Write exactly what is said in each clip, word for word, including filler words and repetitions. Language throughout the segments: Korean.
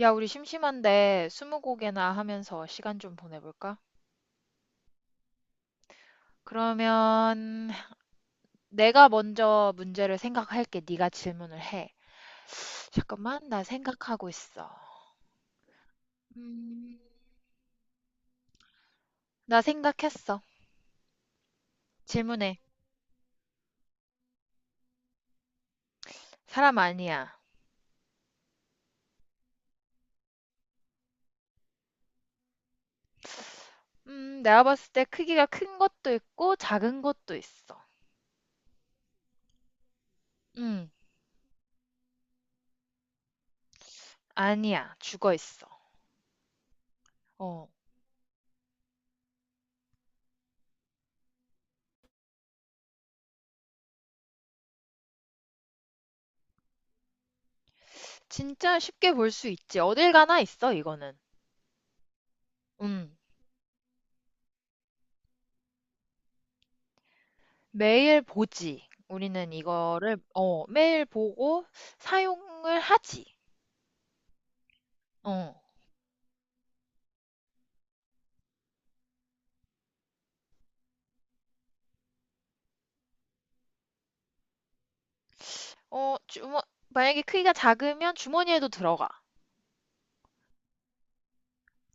야, 우리 심심한데 스무고개나 하면서 시간 좀 보내볼까? 그러면 내가 먼저 문제를 생각할게. 네가 질문을 해. 잠깐만, 나 생각하고 있어. 음, 나 생각했어. 질문해. 사람 아니야. 음, 내가 봤을 때 크기가 큰 것도 있고 작은 것도 있어. 음, 아니야. 죽어 있어. 어, 진짜 쉽게 볼 수 있지. 어딜 가나 있어, 이거는. 음. 매일 보지. 우리는 이거를 어, 매일 보고 사용을 하지. 어. 어, 주머 만약에 크기가 작으면 주머니에도 들어가.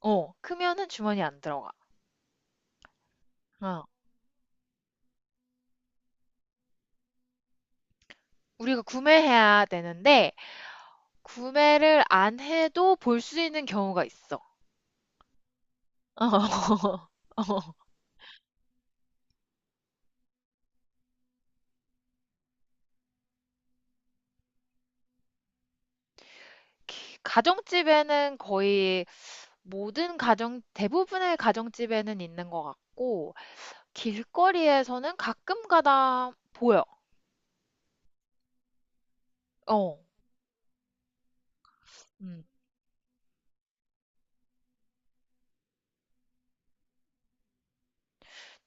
어, 크면은 주머니 안 들어가. 어. 우리가 구매해야 되는데 구매를 안 해도 볼 수 있는 경우가 있어. 어. 가정집에는 거의 모든 가정, 대부분의 가정집에는 있는 것 같고, 길거리에서는 가끔 가다 보여. 어, 음.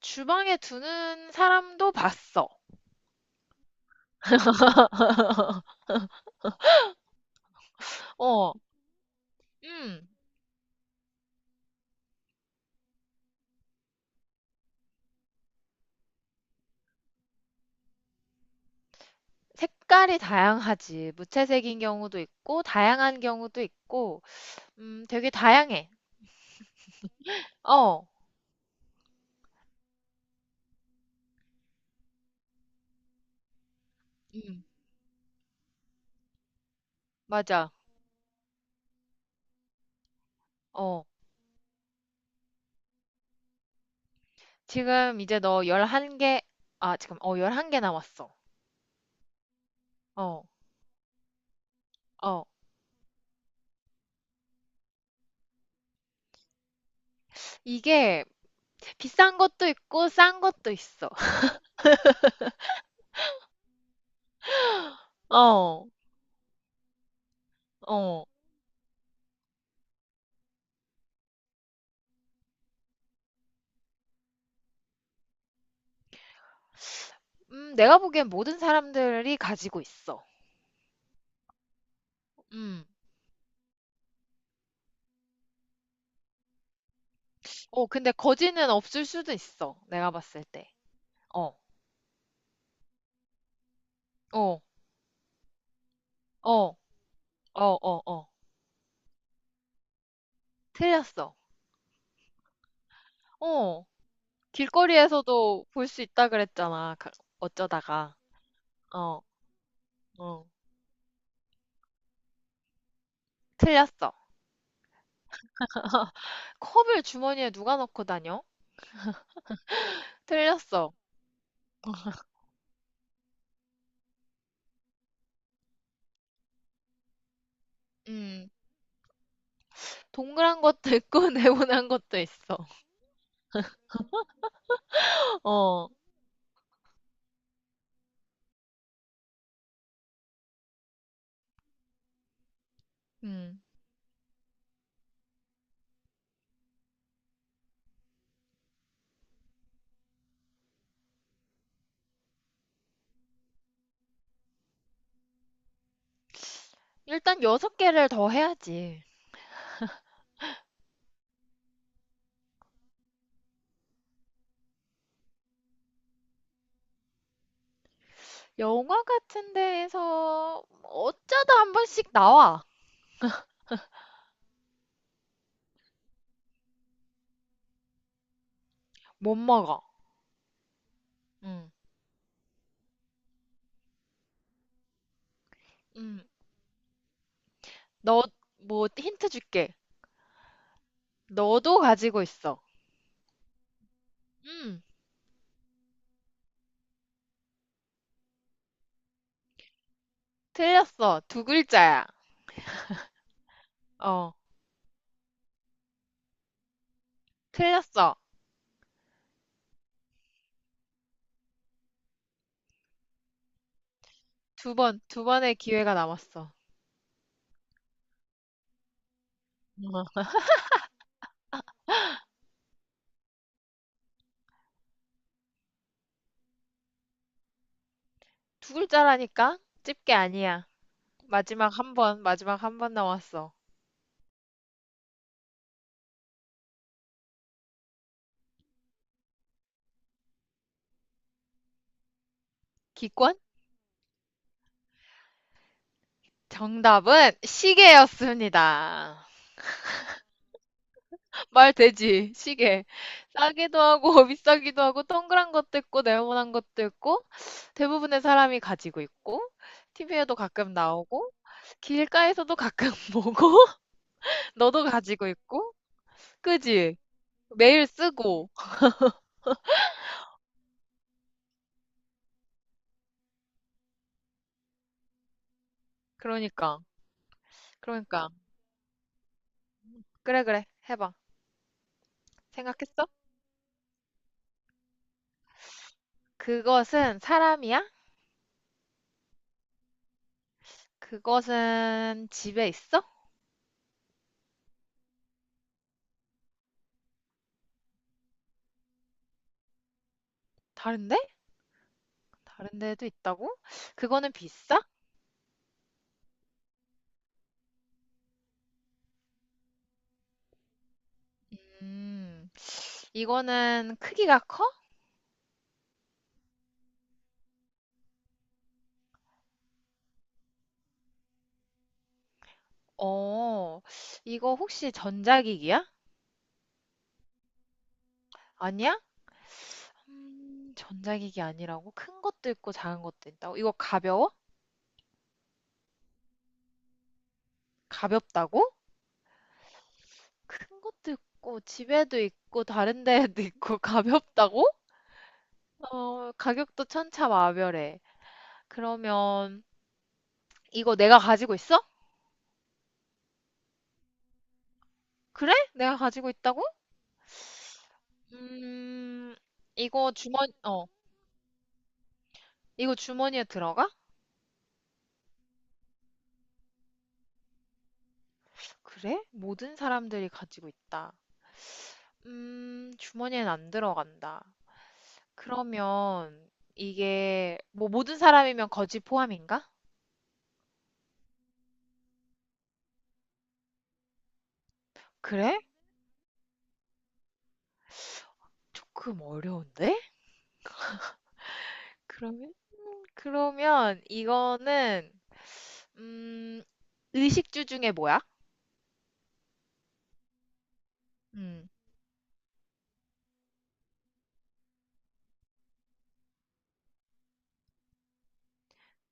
주방에 두는 사람도 봤어. 어, 음. 색깔이 다양하지. 무채색인 경우도 있고, 다양한 경우도 있고, 음, 되게 다양해. 어, 음, 맞아. 어. 지금 이제 너 열한 개, 아, 지금, 어, 열한 개 남았어. 어, 어. 이게 비싼 것도 있고, 싼 것도 있어. 어, 어. 음, 내가 보기엔 모든 사람들이 가지고 있어. 음. 어, 근데 거지는 없을 수도 있어. 내가 봤을 때. 어, 어, 어, 어, 어, 어. 틀렸어. 어, 길거리에서도 볼 수 있다 그랬잖아. 가- 어쩌다가. 어, 어. 틀렸어. 컵을 주머니에 누가 넣고 다녀? 틀렸어. 음, 동그란 것도 있고 네모난 것도 있어. 어, 음. 일단 여섯 개를 더 해야지. 영화 같은 데에서 어쩌다 한 번씩 나와. 못 먹어. 음, 음. 너, 뭐, 힌트 줄게. 너도 가지고 있어. 음, 틀렸어. 두 글자야. 어, 틀렸어. 두 번, 두 번의 기회가 남았어. 두 글자라니까? 집게 아니야. 마지막 한 번, 마지막 한 번 남았어. 기권? 정답은 시계였습니다. 말 되지, 시계. 싸기도 하고, 비싸기도 하고, 동그란 것도 있고, 네모난 것도 있고, 대부분의 사람이 가지고 있고, 티비에도 가끔 나오고, 길가에서도 가끔 보고, 너도 가지고 있고, 그지? 매일 쓰고. 그러니까, 그러니까. 그래, 그래. 해봐. 생각했어? 그것은 사람이야? 그것은 집에 있어? 다른데? 다른 데도 있다고? 그거는 비싸? 음, 이거는 크기가 커? 어, 이거 혹시 전자기기야? 아니야? 음, 전자기기 아니라고? 큰 것도 있고 작은 것도 있다고? 이거 가벼워? 가볍다고? 큰 것도 있고 집에도 있고 다른 데에도 있고 가볍다고? 어, 가격도 천차만별해. 그러면 이거 내가 가지고 있어? 그래? 내가 가지고 있다고? 음, 이거 주머니, 어, 이거 주머니에 들어가? 그래? 모든 사람들이 가지고 있다. 음, 주머니엔 안 들어간다. 그러면 이게 뭐 모든 사람이면 거지 포함인가? 그래? 조금 어려운데? 그러면 그러면 이거는 음, 의식주 중에 뭐야? 음.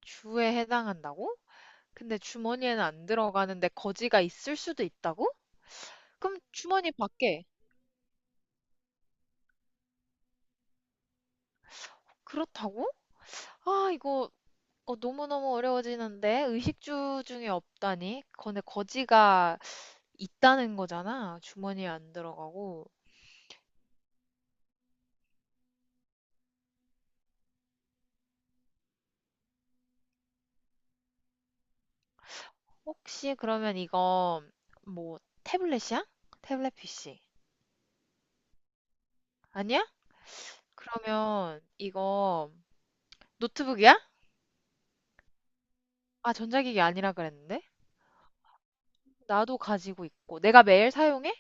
주에 해당한다고? 근데 주머니에는 안 들어가는데 거지가 있을 수도 있다고? 그럼 주머니 밖에. 그렇다고? 아, 이거 어, 너무너무 어려워지는데 의식주 중에 없다니? 근데 거지가 있다는 거잖아. 주머니에 안 들어가고. 혹시 그러면 이거 뭐 태블릿이야? 태블릿 피시. 아니야? 그러면 이거 노트북이야? 아, 전자기기 아니라 그랬는데? 나도 가지고 있고. 내가 매일 사용해?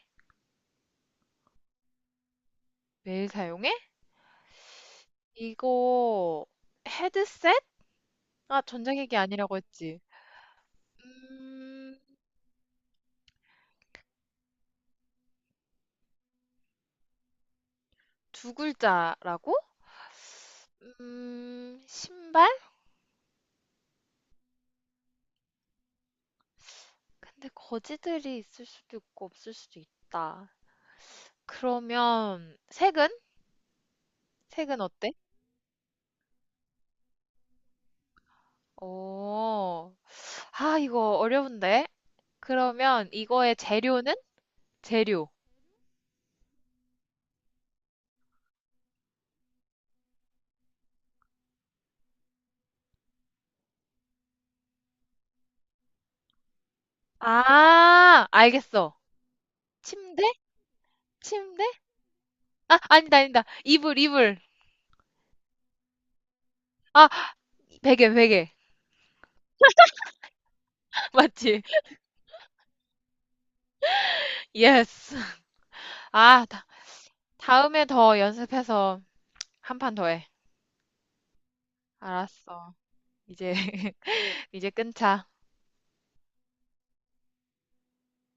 매일 사용해? 이거 헤드셋? 아, 전자기기 아니라고 했지. 음, 두 글자라고? 음, 신발? 근데 거지들이 있을 수도 있고 없을 수도 있다. 그러면 색은? 색은 어때? 오, 아, 이거 어려운데? 그러면 이거의 재료는? 재료. 아, 알겠어. 침대? 침대? 아, 아니다, 아니다. 이불, 이불. 아, 베개, 베개. 맞지? 예스. 아, 다, 다음에 더 연습해서 한 판 더 해. 알았어. 이제, 이제 끊자.